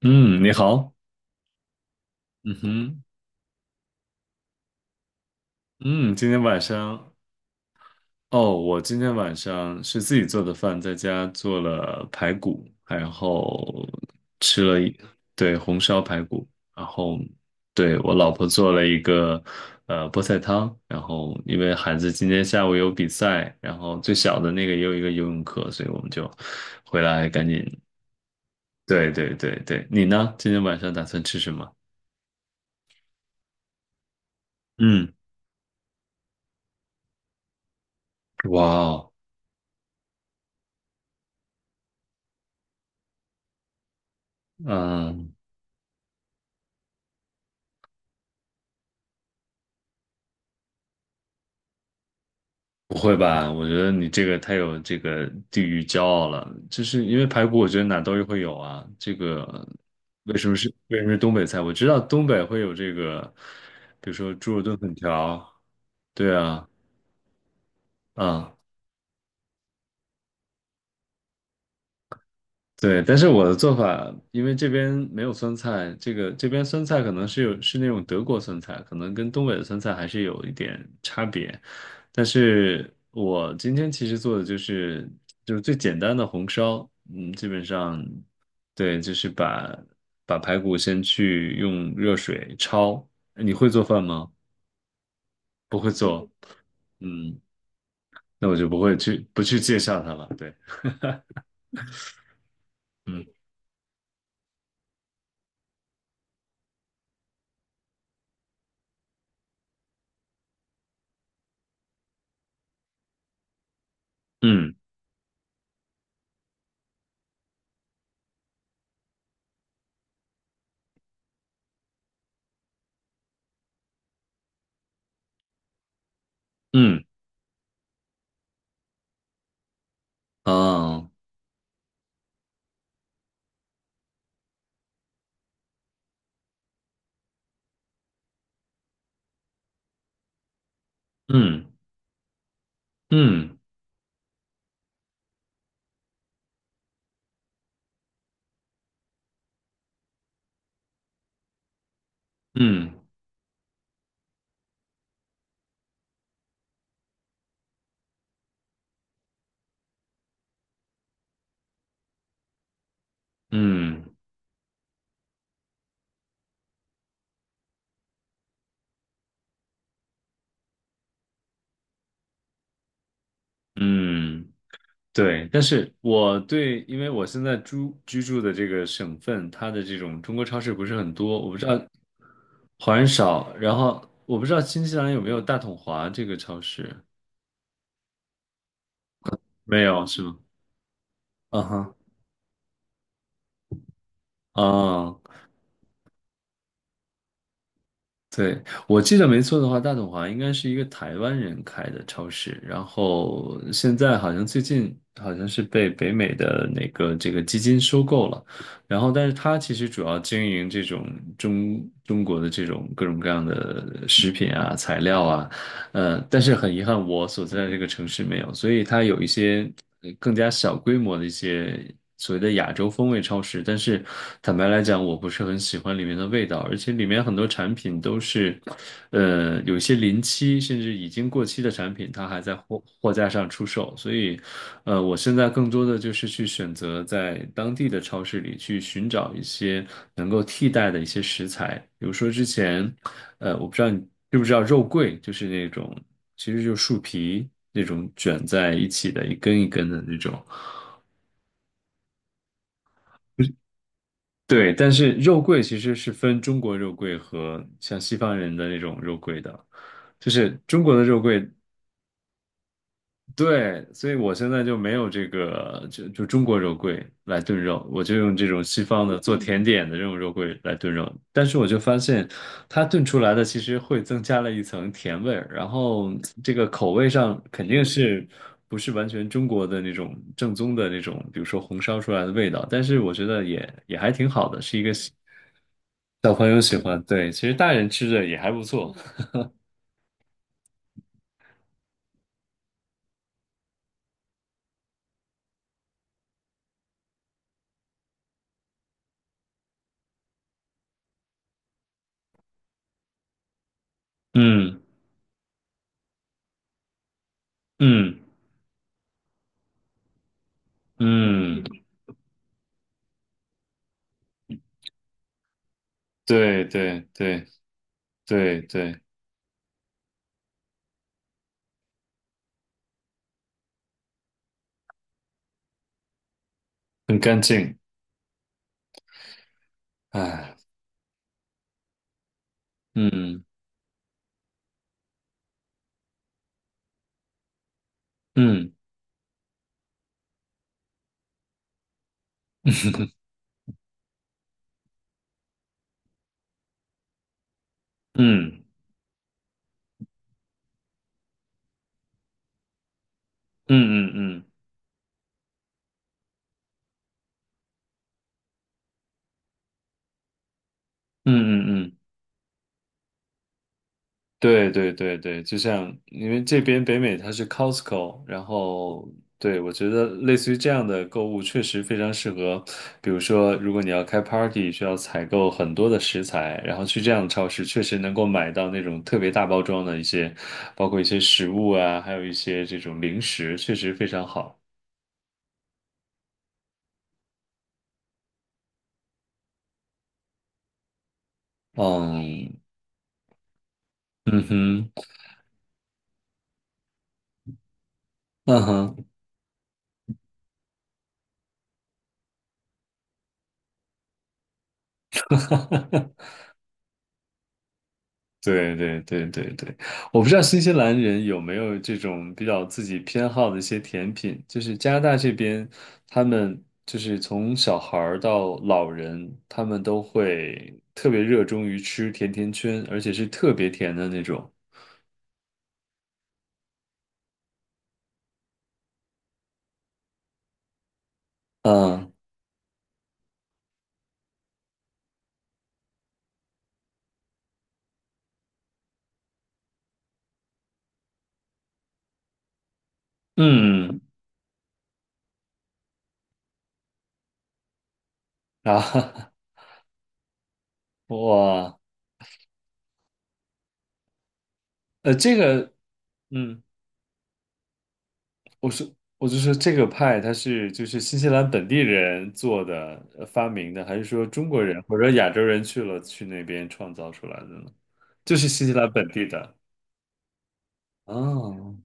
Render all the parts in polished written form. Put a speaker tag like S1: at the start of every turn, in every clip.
S1: 嗯，你好。嗯哼。嗯，今天晚上。哦，我今天晚上是自己做的饭，在家做了排骨，然后吃了一，对，红烧排骨。然后对，我老婆做了一个菠菜汤。然后因为孩子今天下午有比赛，然后最小的那个也有一个游泳课，所以我们就回来赶紧。对对对对，你呢？今天晚上打算吃什么？嗯。哇哦。嗯。不会吧？我觉得你这个太有这个地域骄傲了，就是因为排骨，我觉得哪都会有啊。这个为什么是东北菜？我知道东北会有这个，比如说猪肉炖粉条。对啊。啊、对。但是我的做法，因为这边没有酸菜，这个这边酸菜可能是有是那种德国酸菜，可能跟东北的酸菜还是有一点差别。但是我今天其实做的就是最简单的红烧，嗯，基本上对，就是把排骨先去用热水焯。你会做饭吗？不会做。嗯，那我就不去介绍它了。对。嗯嗯嗯。哦。嗯嗯。嗯嗯嗯，对，但是我对，因为我现在居住的这个省份，它的这种中国超市不是很多，我不知道。华人少。然后我不知道新西兰有没有大统华这个超市，没有是吗？嗯哼。啊，对，我记得没错的话，大统华应该是一个台湾人开的超市，然后现在好像最近好像是被北美的那个这个基金收购了，然后但是他其实主要经营这种中国的这种各种各样的食品啊、材料啊。但是很遗憾，我所在的这个城市没有，所以它有一些更加小规模的一些所谓的亚洲风味超市。但是坦白来讲，我不是很喜欢里面的味道，而且里面很多产品都是，有一些临期甚至已经过期的产品，它还在货架上出售。所以，我现在更多的就是去选择在当地的超市里去寻找一些能够替代的一些食材，比如说之前。我不知道你知不知道肉桂，就是那种其实就是树皮那种卷在一起的，一根一根的那种。对，但是肉桂其实是分中国肉桂和像西方人的那种肉桂的，就是中国的肉桂对，所以我现在就没有这个，就中国肉桂来炖肉，我就用这种西方的做甜点的这种肉桂来炖肉。但是我就发现，它炖出来的其实会增加了一层甜味儿，然后这个口味上肯定是不是完全中国的那种正宗的那种，比如说红烧出来的味道。但是我觉得也还挺好的，是一个小朋友喜欢，对，其实大人吃着也还不错。嗯嗯嗯。对对对对对。很干净。哎。嗯嗯 嗯嗯嗯嗯嗯嗯嗯，对对对对，就像因为这边北美它是 Costco，然后对我觉得类似于这样的购物确实非常适合，比如说如果你要开 party，需要采购很多的食材，然后去这样的超市确实能够买到那种特别大包装的一些，包括一些食物啊，还有一些这种零食，确实非常好。嗯。嗯哼。嗯哼。对对对对对，我不知道新西兰人有没有这种比较自己偏好的一些甜品，就是加拿大这边，他们就是从小孩儿到老人，他们都会特别热衷于吃甜甜圈，而且是特别甜的那种。嗯嗯。啊 哇。这个，嗯。我说，我就说这个派它是就是新西兰本地人做的发明的，还是说中国人或者亚洲人去那边创造出来的呢？就是新西兰本地的。哦。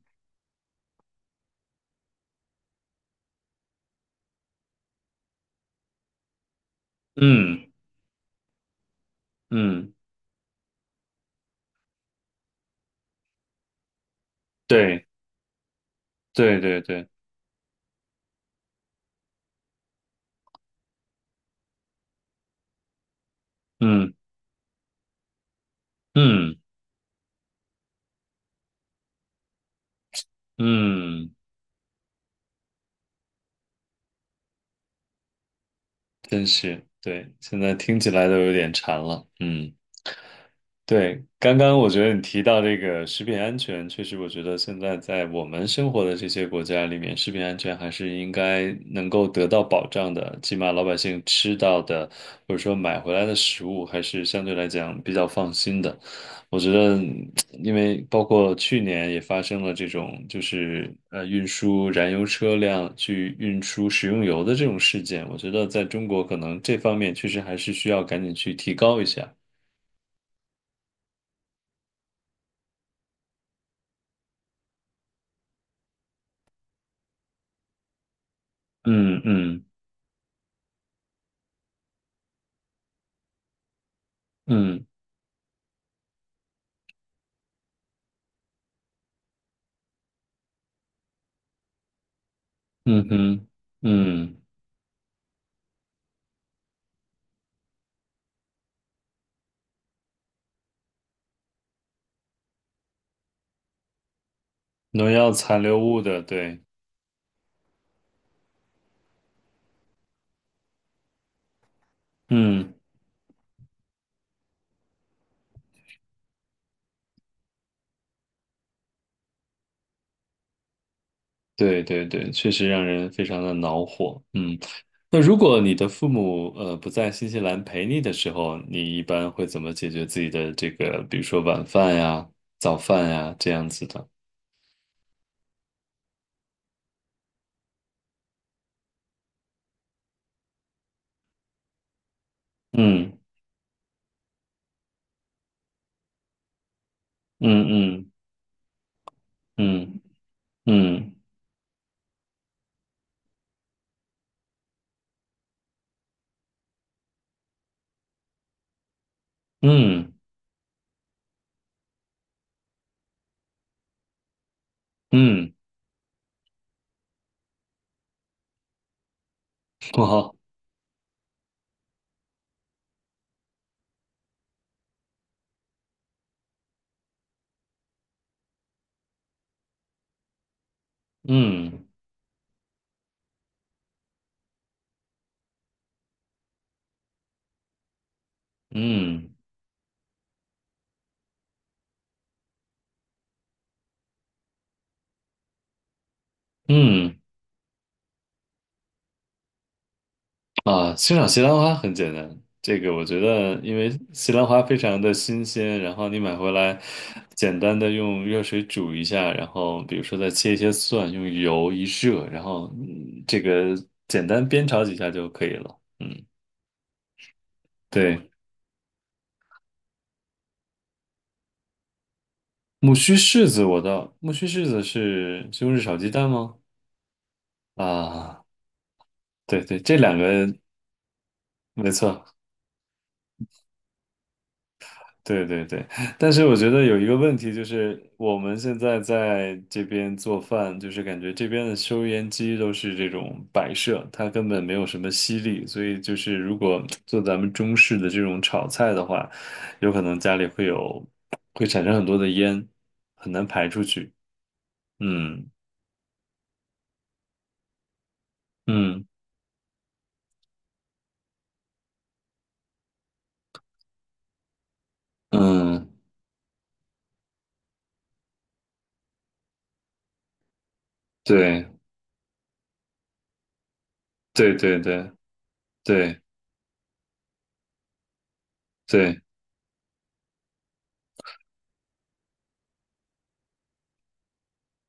S1: 嗯嗯。对对对对。嗯嗯嗯，真是对，现在听起来都有点馋了。嗯。对，刚刚我觉得你提到这个食品安全，确实，我觉得现在在我们生活的这些国家里面，食品安全还是应该能够得到保障的，起码老百姓吃到的或者说买回来的食物，还是相对来讲比较放心的。我觉得，因为包括去年也发生了这种，就是运输燃油车辆去运输食用油的这种事件，我觉得在中国可能这方面确实还是需要赶紧去提高一下。嗯嗯。嗯。嗯哼。嗯，农药残留物的，对。嗯。对对对，确实让人非常的恼火。嗯，那如果你的父母不在新西兰陪你的时候，你一般会怎么解决自己的这个，比如说晚饭呀、早饭呀这样子的？嗯嗯嗯嗯嗯嗯嗯。哇。嗯嗯嗯。嗯啊，欣赏西兰花很简单，这个我觉得，因为西兰花非常的新鲜，然后你买回来，简单的用热水煮一下，然后比如说再切一些蒜，用油一热，然后这个简单煸炒几下就可以了。嗯，对，木须柿子我倒，木须柿子是西红柿炒鸡蛋吗？啊，对对，这两个没错，对对对。但是我觉得有一个问题就是，我们现在在这边做饭，就是感觉这边的收烟机都是这种摆设，它根本没有什么吸力，所以就是如果做咱们中式的这种炒菜的话，有可能家里会有，会产生很多的烟，很难排出去。嗯嗯嗯。对对对对对对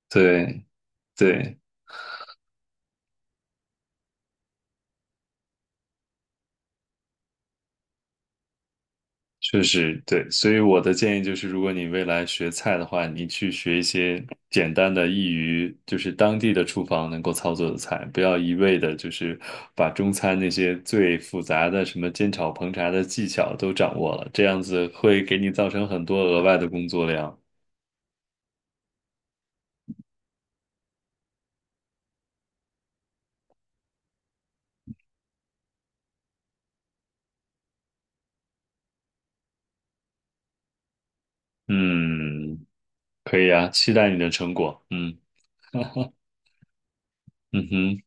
S1: 对。对确实对，所以我的建议就是，如果你未来学菜的话，你去学一些简单的、易于就是当地的厨房能够操作的菜，不要一味的就是把中餐那些最复杂的什么煎炒烹炸的技巧都掌握了，这样子会给你造成很多额外的工作量。嗯，可以啊，期待你的成果。嗯 嗯哼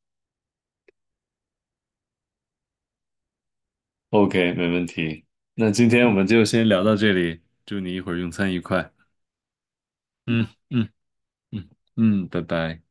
S1: ，OK，没问题。那今天我们就先聊到这里，祝你一会儿用餐愉快。嗯嗯。嗯嗯，拜拜。